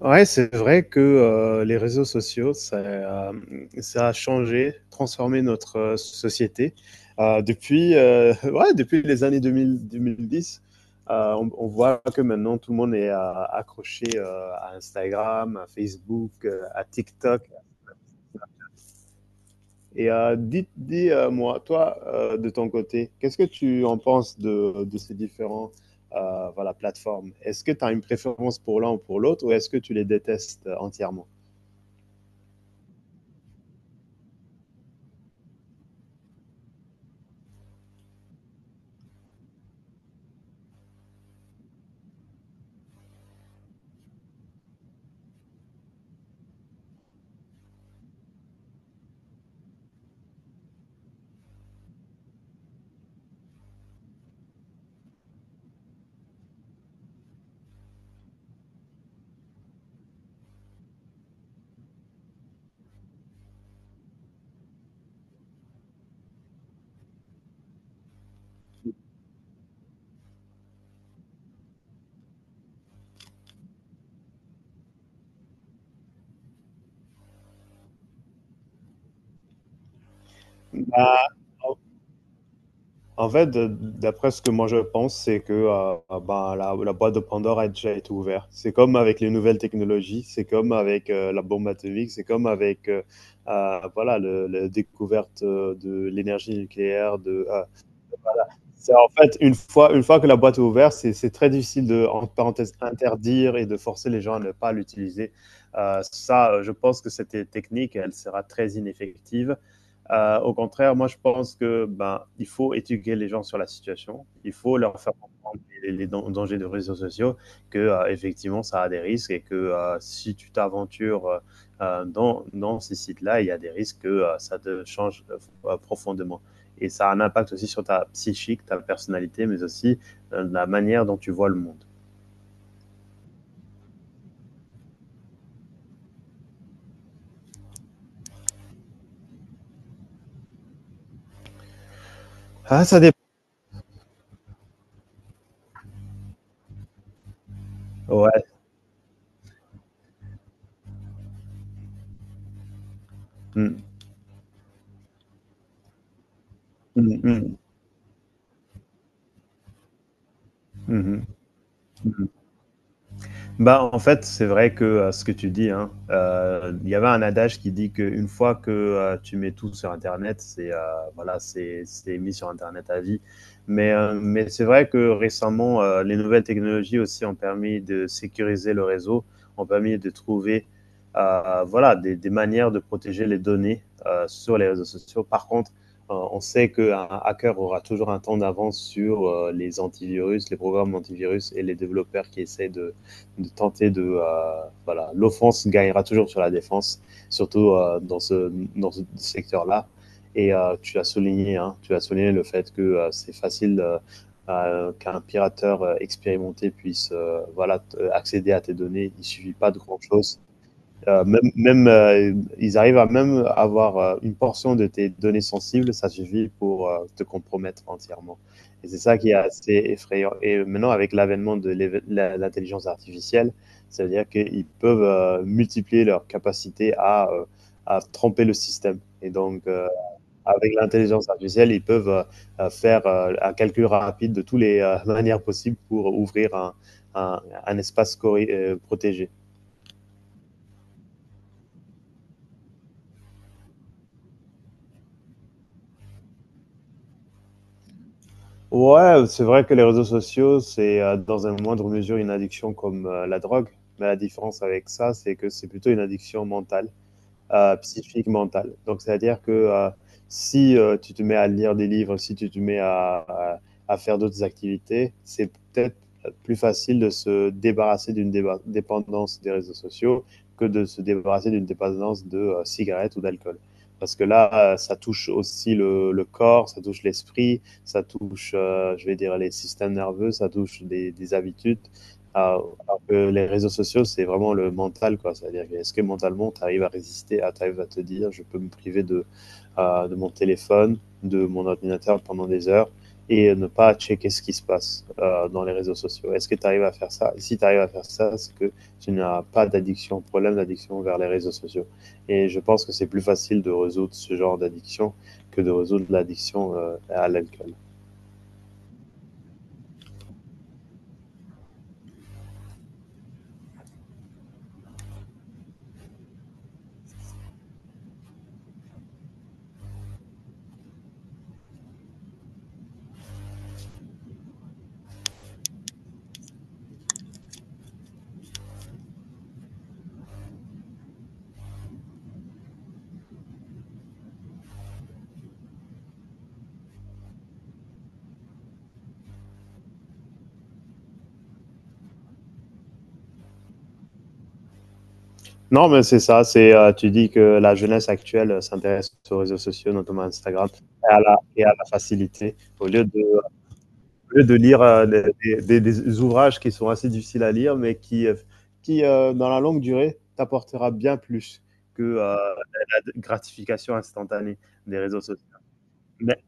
Ouais, c'est vrai que les réseaux sociaux, ça a changé, transformé notre société. Depuis ouais, depuis les années 2000, 2010, on voit que maintenant tout le monde est accroché à Instagram, à Facebook, à TikTok. Et toi, de ton côté, qu'est-ce que tu en penses de ces différents voilà, plateformes? Est-ce que tu as une préférence pour l'un ou pour l'autre, ou est-ce que tu les détestes entièrement? Bah, d'après ce que moi je pense, c'est que la boîte de Pandore a déjà été ouverte. C'est comme avec les nouvelles technologies, c'est comme avec la bombe atomique, c'est comme avec voilà, la découverte de l'énergie nucléaire, c'est en fait une fois que la boîte est ouverte, c'est très difficile de, en parenthèse, interdire et de forcer les gens à ne pas l'utiliser. Je pense que cette technique, elle sera très ineffective. Au contraire, moi, je pense que ben, il faut éduquer les gens sur la situation. Il faut leur faire comprendre les dangers des réseaux sociaux, que effectivement, ça a des risques, et que si tu t'aventures dans, dans ces sites-là, il y a des risques que ça te change profondément. Et ça a un impact aussi sur ta psychique, ta personnalité, mais aussi la manière dont tu vois le monde. Ah, ça dépend. Ouais. Mm. Mm, mm, mm, mm. Bah, en fait, c'est vrai que ce que tu dis, hein, il y avait un adage qui dit qu'une fois que tu mets tout sur Internet, c'est voilà, c'est mis sur Internet à vie. Mais c'est vrai que récemment, les nouvelles technologies aussi ont permis de sécuriser le réseau, ont permis de trouver voilà, des manières de protéger les données sur les réseaux sociaux. Par contre, on sait qu'un hacker aura toujours un temps d'avance sur les antivirus, les programmes antivirus et les développeurs qui essaient de tenter de voilà, l'offense gagnera toujours sur la défense, surtout dans ce secteur là. Et tu as souligné, hein, tu as souligné le fait que c'est facile qu'un pirateur expérimenté puisse voilà accéder à tes données. Il suffit pas de grand chose, même, ils arrivent à même avoir une portion de tes données sensibles, ça suffit pour te compromettre entièrement. Et c'est ça qui est assez effrayant. Et maintenant, avec l'avènement de l'intelligence artificielle, ça veut dire qu'ils peuvent multiplier leur capacité à tromper le système. Et donc, avec l'intelligence artificielle, ils peuvent faire un calcul rapide de toutes les manières possibles pour ouvrir un espace protégé. Ouais, c'est vrai que les réseaux sociaux, c'est dans une moindre mesure une addiction comme la drogue. Mais la différence avec ça, c'est que c'est plutôt une addiction mentale, psychique, mentale. Donc, c'est-à-dire que si tu te mets à lire des livres, si tu te mets à faire d'autres activités, c'est peut-être plus facile de se débarrasser d'une dépendance des réseaux sociaux que de se débarrasser d'une dépendance de cigarettes ou d'alcool. Parce que là, ça touche aussi le corps, ça touche l'esprit, ça touche, je vais dire, les systèmes nerveux, ça touche des habitudes. Euh, alors que les réseaux sociaux, c'est vraiment le mental, quoi. C'est-à-dire, que est-ce que mentalement, tu arrives à résister, tu arrives à te dire, je peux me priver de mon téléphone, de mon ordinateur pendant des heures et ne pas checker ce qui se passe dans les réseaux sociaux. Est-ce que tu arrives à faire ça? Et si tu arrives à faire ça, c'est que tu n'as pas d'addiction, problème d'addiction vers les réseaux sociaux. Et je pense que c'est plus facile de résoudre ce genre d'addiction que de résoudre l'addiction à l'alcool. Non, mais c'est ça. C'est Tu dis que la jeunesse actuelle s'intéresse aux réseaux sociaux, notamment Instagram, et à la facilité. Au lieu de lire des ouvrages qui sont assez difficiles à lire, mais qui, dans la longue durée, t'apportera bien plus que la gratification instantanée des réseaux sociaux. Mais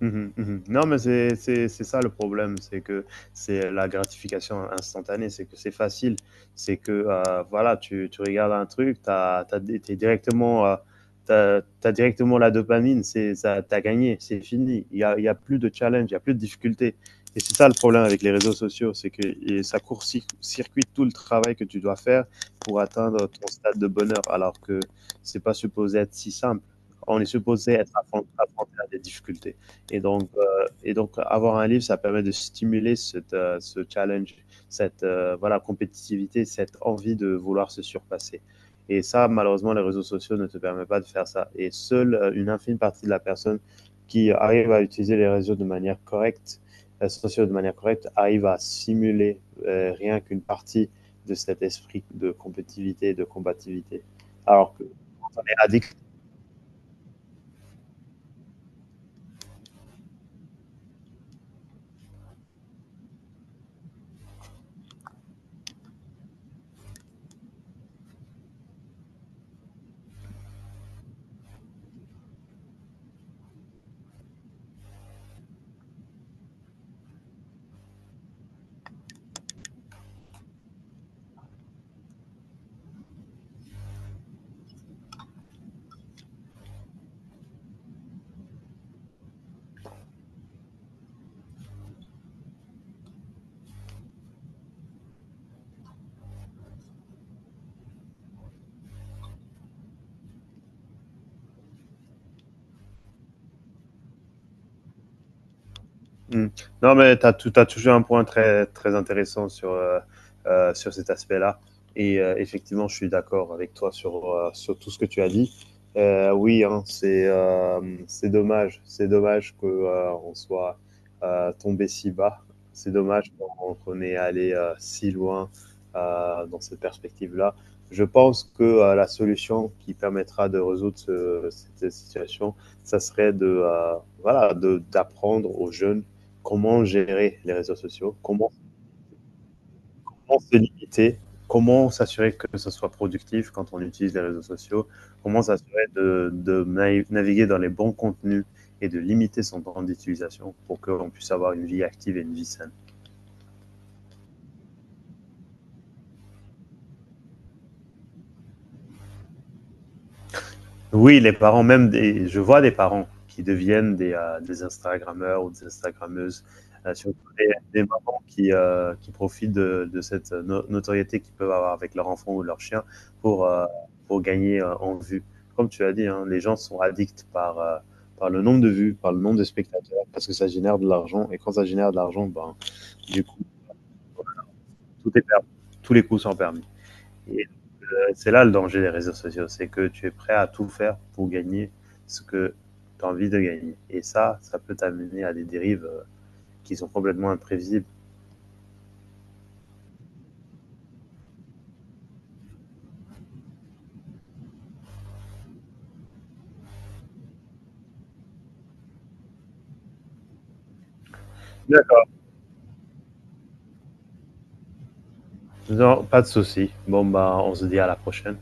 Mmh mh, mmh non, mais c'est ça le problème, c'est que c'est la gratification instantanée, c'est que c'est facile, c'est que, voilà, tu regardes un truc, t'as as tu directement, t'as as directement la dopamine, c'est ça, t'as gagné, c'est fini. Il y a plus de challenge, il y a plus de difficulté, et c'est ça le problème avec les réseaux sociaux, c'est que et ça court circuite tout le travail que tu dois faire pour atteindre ton stade de bonheur, alors que c'est pas supposé être si simple. On est supposé être affronté à des difficultés. Et donc, euh, et donc avoir un livre, ça permet de stimuler cette, ce challenge, cette voilà, compétitivité, cette envie de vouloir se surpasser. Et ça, malheureusement, les réseaux sociaux ne te permettent pas de faire ça. Et seule une infime partie de la personne qui arrive à utiliser les réseaux de manière correcte, les réseaux sociaux de manière correcte, arrive à simuler rien qu'une partie de cet esprit de compétitivité et de combativité. Alors que quand on est addict… Mm. Non, mais tu as, as, toujours un point très, très intéressant sur, sur cet aspect-là. Et effectivement, je suis d'accord avec toi sur, sur tout ce que tu as dit. Oui, hein, c'est dommage. C'est dommage qu'on soit tombé si bas. C'est dommage qu'on est allé si loin dans cette perspective-là. Je pense que la solution qui permettra de résoudre cette situation, ça serait de voilà de, d'apprendre aux jeunes comment gérer les réseaux sociaux, comment, comment se limiter, comment s'assurer que ce soit productif quand on utilise les réseaux sociaux, comment s'assurer de naviguer dans les bons contenus et de limiter son temps d'utilisation pour qu'on puisse avoir une vie active et une vie saine. Oui, les parents, même des, je vois des parents qui deviennent des Instagrammeurs ou des Instagrammeuses, surtout des mamans qui profitent de cette no notoriété qu'ils peuvent avoir avec leur enfant ou leur chien pour, heu, pour gagner, en vue. Comme tu as dit, hein, les gens sont addicts par, par le nombre de vues, par le nombre de spectateurs, parce que ça génère de l'argent, et quand ça génère de l'argent, ben, du coup, tout est permis, tous les coups sont permis. C'est là le danger des réseaux sociaux, c'est que tu es prêt à tout faire pour gagner ce que tu as envie de gagner. Et ça peut t'amener à des dérives qui sont complètement imprévisibles. D'accord. Non, pas de souci. Bon, bah, on se dit à la prochaine.